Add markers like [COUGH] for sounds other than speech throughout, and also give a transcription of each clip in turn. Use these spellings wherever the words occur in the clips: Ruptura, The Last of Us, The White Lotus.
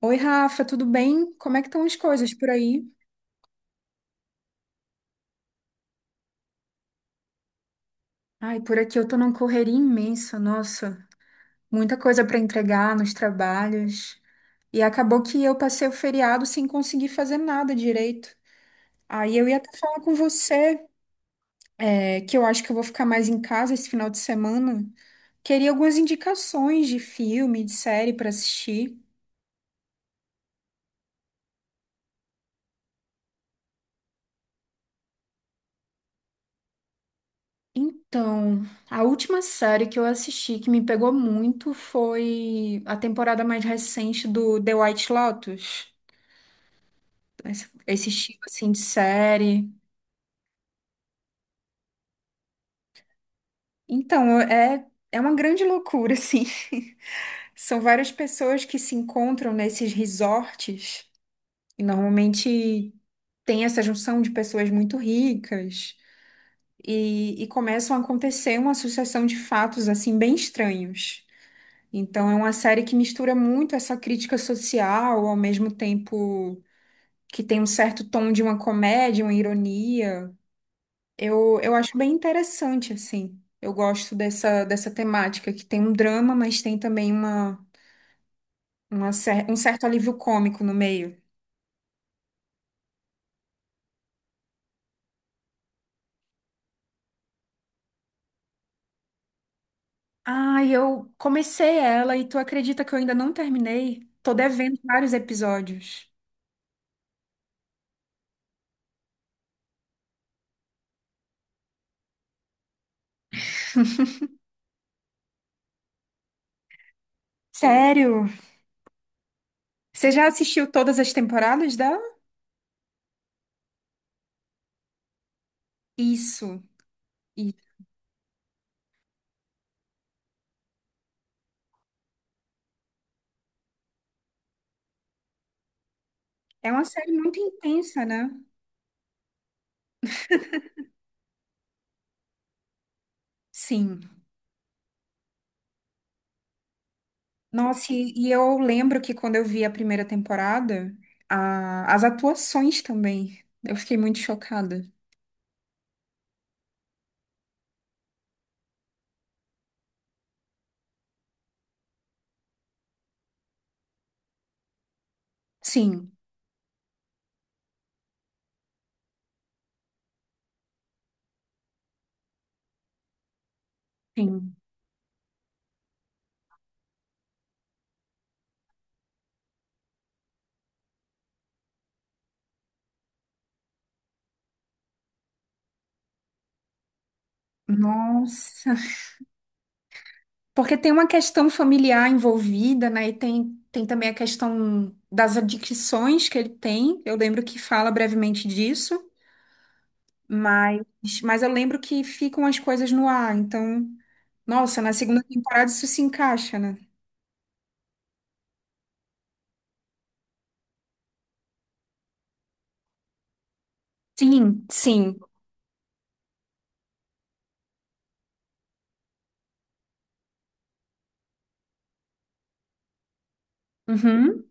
Oi, Rafa, tudo bem? Como é que estão as coisas por aí? Ai, por aqui eu tô numa correria imensa, nossa, muita coisa para entregar nos trabalhos. E acabou que eu passei o feriado sem conseguir fazer nada direito. Aí eu ia até falar com você, que eu acho que eu vou ficar mais em casa esse final de semana. Queria algumas indicações de filme, de série para assistir. Então, a última série que eu assisti que me pegou muito foi a temporada mais recente do The White Lotus. Esse estilo assim de série. Então, é uma grande loucura assim. [LAUGHS] São várias pessoas que se encontram nesses resorts e normalmente tem essa junção de pessoas muito ricas e começam a acontecer uma sucessão de fatos assim bem estranhos. Então é uma série que mistura muito essa crítica social, ao mesmo tempo que tem um certo tom de uma comédia, uma ironia. Eu acho bem interessante, assim. Eu gosto dessa temática, que tem um drama, mas tem também uma, um certo alívio cômico no meio. Ah, eu comecei ela e tu acredita que eu ainda não terminei? Tô devendo vários episódios. Sério? Você já assistiu todas as temporadas dela? Isso. E é uma série muito intensa, né? Sim. Nossa, eu lembro que quando eu vi a primeira temporada, as atuações também, eu fiquei muito chocada. Sim, sim. Nossa. Porque tem uma questão familiar envolvida, né? E tem, tem também a questão das adicções que ele tem. Eu lembro que fala brevemente disso, mas, mas eu lembro que ficam as coisas no ar. Então, nossa, na segunda temporada isso se encaixa, né? Sim, sim. Uhum.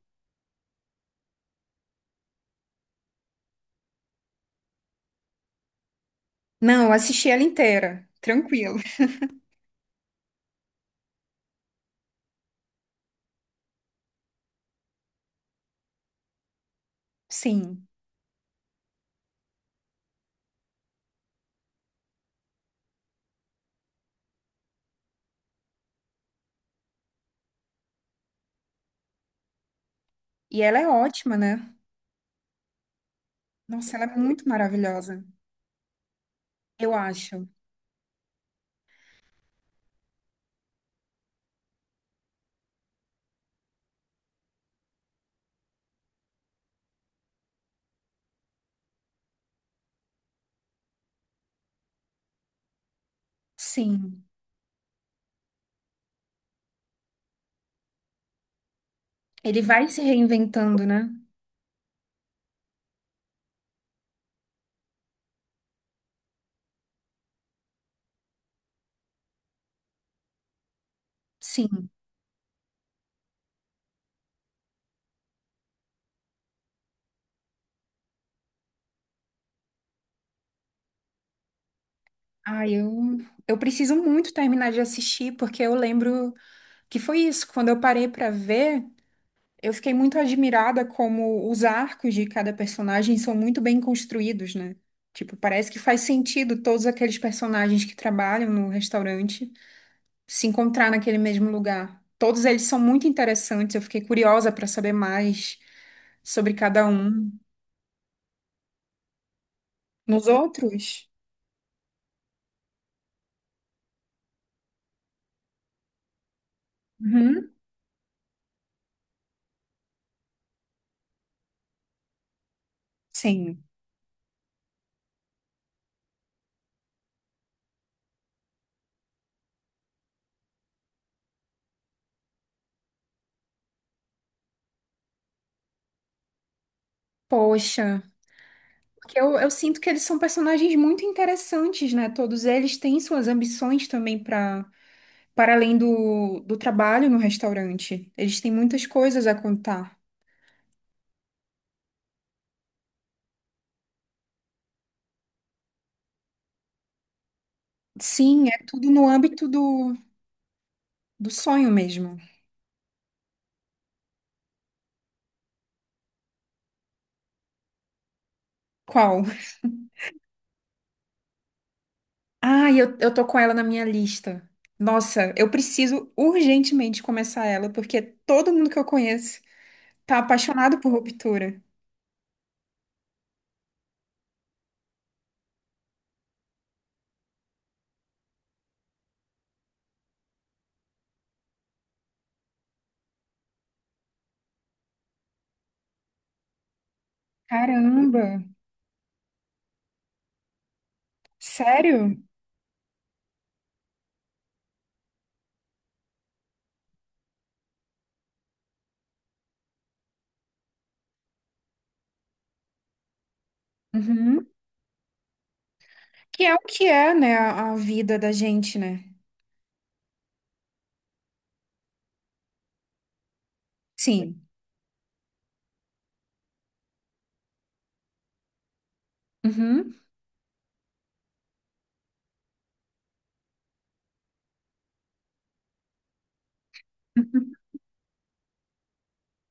Não, eu assisti ela inteira, tranquilo. Sim. E ela é ótima, né? Nossa, ela é muito maravilhosa. Eu acho. Sim. Ele vai se reinventando, né? Sim. Ah, eu preciso muito terminar de assistir porque eu lembro que foi isso, quando eu parei pra ver, eu fiquei muito admirada como os arcos de cada personagem são muito bem construídos, né? Tipo, parece que faz sentido todos aqueles personagens que trabalham no restaurante. Se encontrar naquele mesmo lugar. Todos eles são muito interessantes, eu fiquei curiosa para saber mais sobre cada um. Nos outros? Uhum, sim. Poxa, porque eu sinto que eles são personagens muito interessantes, né? Todos eles têm suas ambições também para para além do trabalho no restaurante. Eles têm muitas coisas a contar. Sim, é tudo no âmbito do, do sonho mesmo. Qual? Ah, eu tô com ela na minha lista. Nossa, eu preciso urgentemente começar ela, porque todo mundo que eu conheço tá apaixonado por Ruptura. Caramba, sério? Uhum. Que é o que é, né, a vida da gente, né? Sim. Uhum.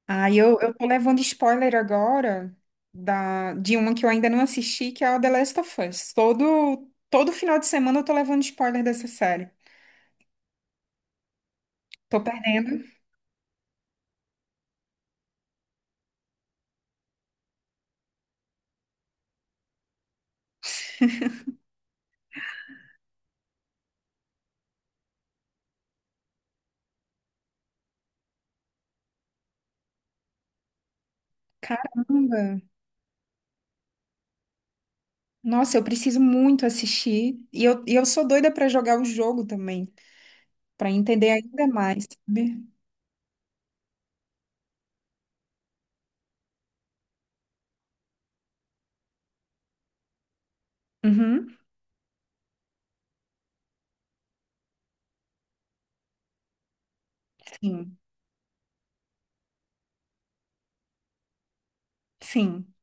Ah, e eu tô levando spoiler agora da, de uma que eu ainda não assisti, que é a The Last of Us. Todo, todo final de semana eu tô levando spoiler dessa série. Tô perdendo. Caramba. Nossa, eu preciso muito assistir. E eu sou doida pra jogar o jogo também, pra entender ainda mais, sabe? Uhum. Sim, sim.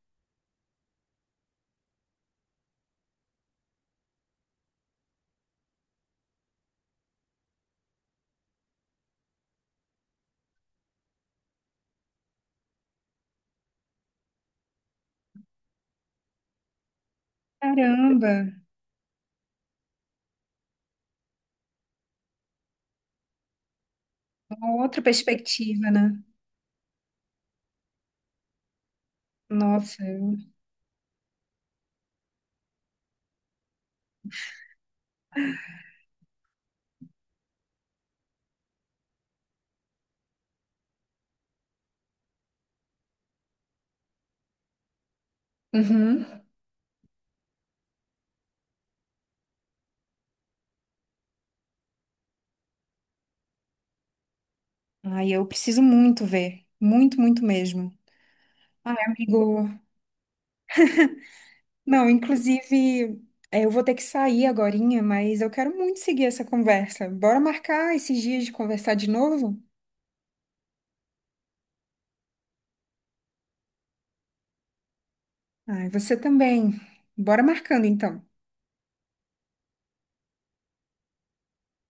Caramba, uma outra perspectiva, né? Nossa. Eu- Uhum. Ai, eu preciso muito ver. Muito, muito mesmo. Ai, amigo. Não, inclusive, eu vou ter que sair agorinha, mas eu quero muito seguir essa conversa. Bora marcar esses dias de conversar de novo? Ai, você também. Bora marcando então.